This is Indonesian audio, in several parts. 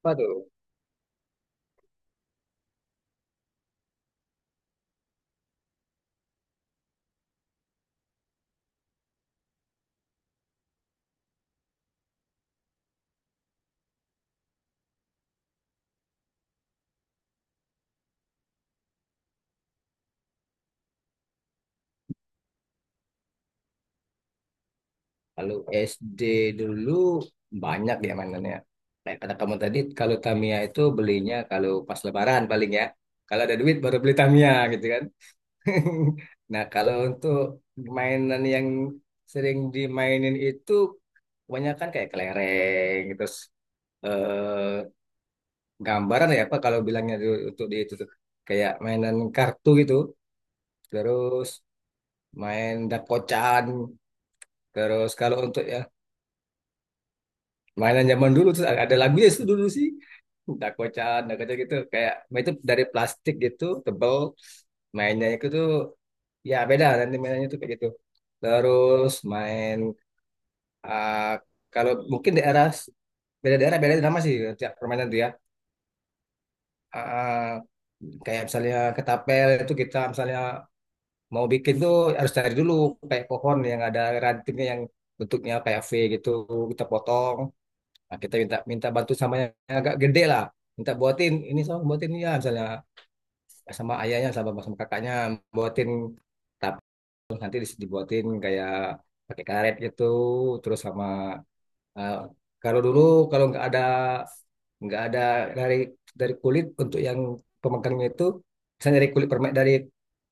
Apa tuh? Kalau SD dulu banyak ya mainannya. Kayak kata kamu tadi, kalau Tamiya itu belinya kalau pas Lebaran paling ya. Kalau ada duit baru beli Tamiya gitu kan. Nah, kalau untuk mainan yang sering dimainin itu kebanyakan kayak kelereng, terus eh, gambaran ya apa kalau bilangnya dulu untuk di itu tuh. Kayak mainan kartu gitu, terus main dakocan, terus kalau untuk ya mainan zaman dulu terus ada lagunya itu dulu sih dakocan dakocan gitu kayak itu dari plastik gitu tebel mainnya itu tuh ya beda nanti mainannya tuh kayak gitu terus main ah, kalau mungkin daerah beda nama sih tiap permainan tuh ya. Ah, Kayak misalnya ketapel itu kita misalnya mau bikin tuh harus cari dulu kayak pohon yang ada rantingnya yang bentuknya kayak V gitu kita potong. Nah, kita minta minta bantu sama yang agak gede lah. Minta buatin ini sama buatin ya misalnya sama ayahnya sama sama kakaknya buatin tapi nanti dibuatin kayak pakai karet gitu terus sama eh, kalau dulu kalau nggak ada dari dari kulit untuk yang pemegangnya itu misalnya dari kulit permen dari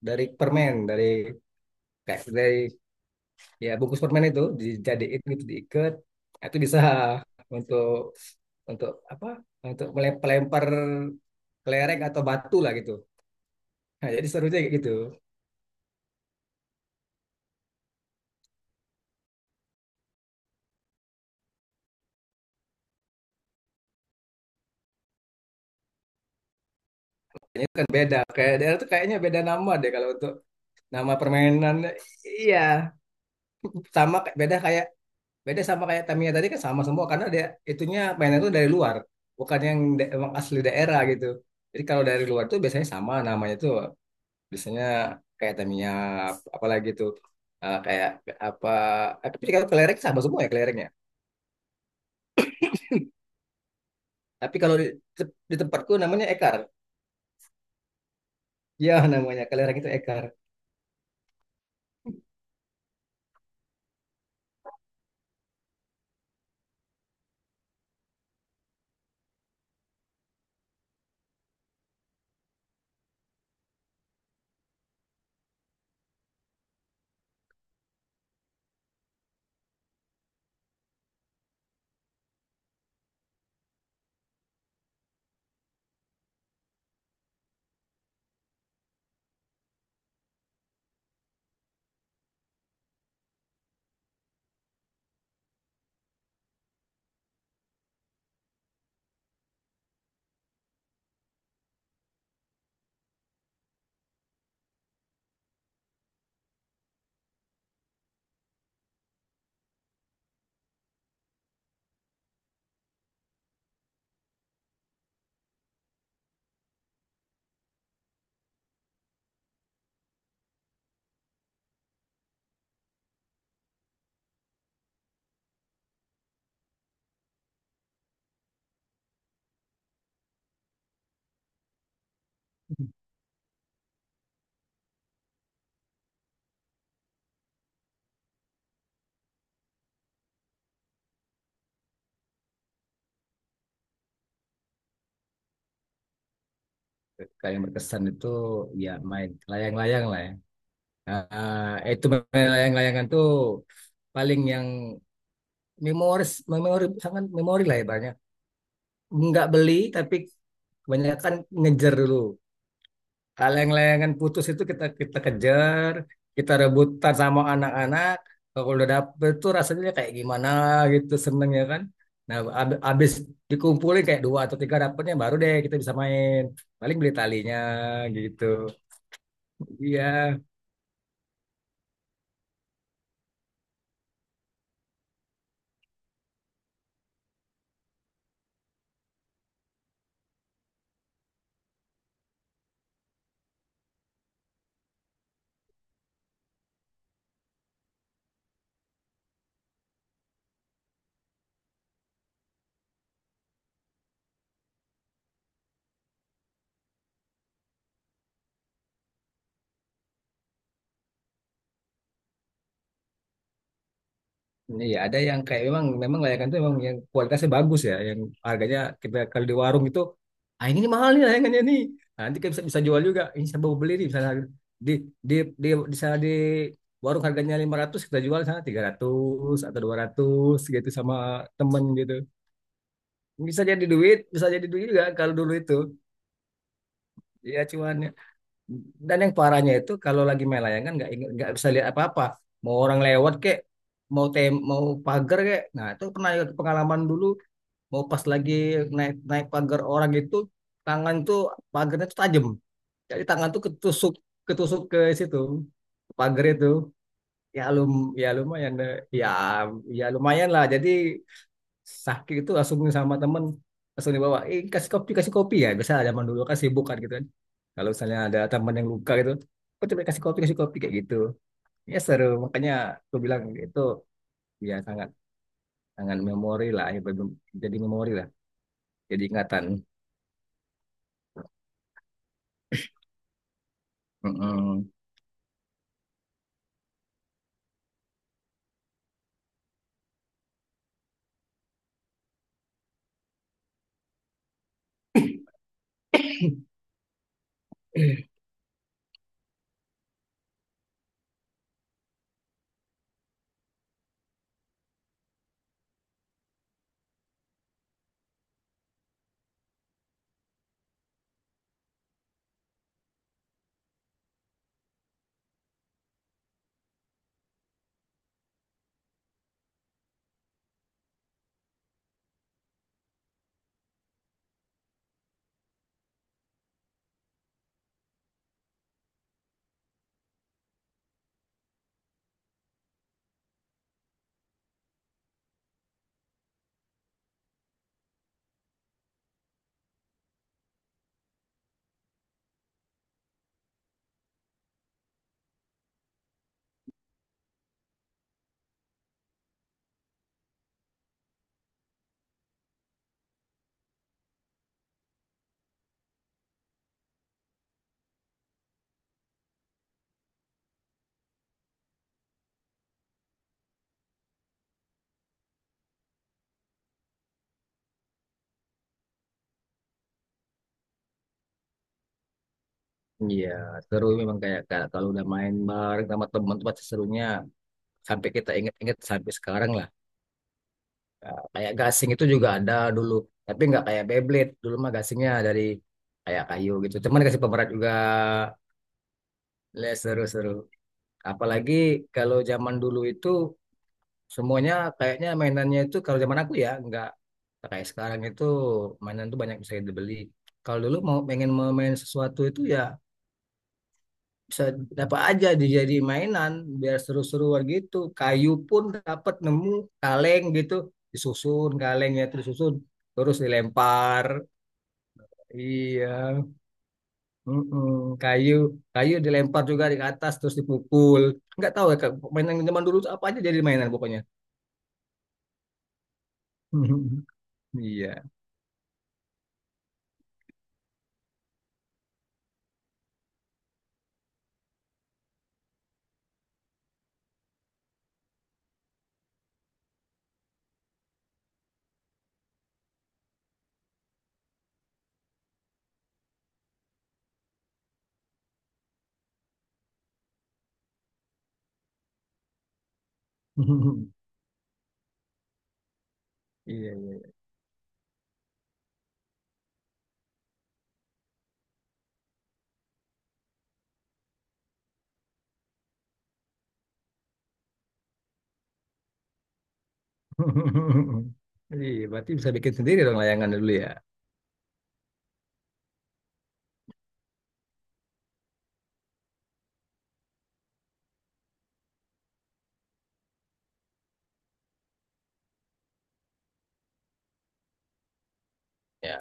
dari permen dari kayak dari ya bungkus permen itu dijadiin gitu diikat, nah, itu bisa untuk untuk apa untuk melempar kelereng atau batu lah gitu. Nah, jadi serunya kayak gitu. Kayaknya kan beda kayak daerah tuh kayaknya beda nama deh kalau untuk nama permainan. Iya, sama beda kayak beda sama kayak Tamiya tadi kan sama semua karena dia itunya mainnya tuh dari luar bukan yang emang asli daerah gitu. Jadi kalau dari luar tuh biasanya sama namanya tuh biasanya kayak Tamiya. Apalagi tuh kayak apa? Tapi kalau kelereng sama semua ya kelereng ya. Tapi kalau di tempatku namanya ekar. Ya, namanya kelereng itu ekar. Kayak yang berkesan itu ya main layang-layang lah ya. Ah, itu main layang-layangan tuh paling yang memori sangat memori lah ya banyak. Nggak beli tapi kebanyakan ngejar dulu. Leng-lengan putus itu kita kita kejar, kita rebutan sama anak-anak. Kalau udah dapet tuh rasanya kayak gimana gitu seneng ya kan. Nah, abis dikumpulin kayak dua atau tiga dapetnya baru deh kita bisa main. Paling beli talinya gitu. Iya. Iya, ada yang kayak memang memang layangan itu memang yang kualitasnya bagus ya, yang harganya kita kalau di warung itu, ah, ini mahal nih layangannya nih. Nah, nanti kita bisa bisa jual juga, ini saya mau beli nih misalnya di di di di sana di warung harganya 500 kita jual di sana 300 atau 200 gitu sama temen gitu. Bisa jadi duit juga kalau dulu itu. Ya cuman dan yang parahnya itu kalau lagi main layangan nggak bisa lihat apa-apa. Mau orang lewat kek, mau mau pagar kek. Nah, itu pernah juga pengalaman dulu. Mau pas lagi naik naik pagar orang itu, tangan tuh pagarnya tuh tajam. Jadi tangan tuh ketusuk ketusuk ke situ pagar itu. Ya lum ya lumayan deh. Ya ya lumayan lah. Jadi sakit itu langsung sama temen langsung dibawa, kasih kopi ya biasa zaman dulu kan sibuk kan gitu kan kalau misalnya ada teman yang luka gitu kok coba kasih kopi kayak gitu ya seru makanya aku bilang itu ya sangat sangat memori lah ya, jadi memori lah, jadi ingatan. Mm-mm. Iya seru memang kayak kayak kalau udah main bareng sama teman tuh pasti serunya sampai kita ingat-ingat sampai sekarang lah. Nah, kayak gasing itu juga ada dulu, tapi nggak kayak Beyblade. Dulu mah gasingnya dari kayak kayu gitu. Cuman dikasih pemerat juga. Ya, seru-seru. Apalagi kalau zaman dulu itu semuanya kayaknya mainannya itu kalau zaman aku ya nggak kayak sekarang itu mainan tuh banyak bisa dibeli. Kalau dulu mau pengen mau main sesuatu itu ya bisa dapat aja dijadi mainan biar seru-seruan gitu kayu pun dapat nemu kaleng gitu disusun kalengnya terus susun terus dilempar. Iya. Mm-mm. Kayu kayu dilempar juga di atas terus dipukul. Nggak tahu ya Kak, mainan zaman dulu tuh apa aja jadi mainan pokoknya. Iya. Iya, iya. Iya, berarti bisa bikin sendiri dong layangan dulu ya. Ya.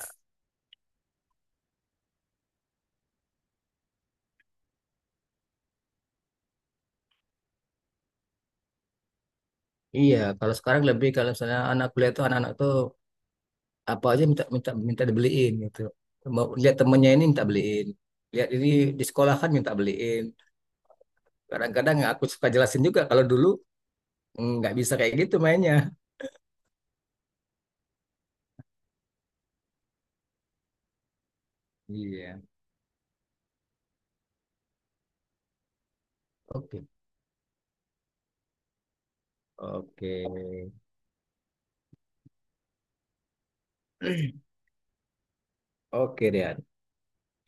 Iya, kalau sekarang lebih kalau misalnya anak kuliah tuh anak-anak tuh apa aja minta minta minta dibeliin gitu. Mau lihat temennya ini minta beliin, lihat ini di sekolah kan minta beliin, kadang-kadang aku suka jelasin juga kalau dulu nggak bisa kayak gitu mainnya. Iya. Oke, oke. Oke deh.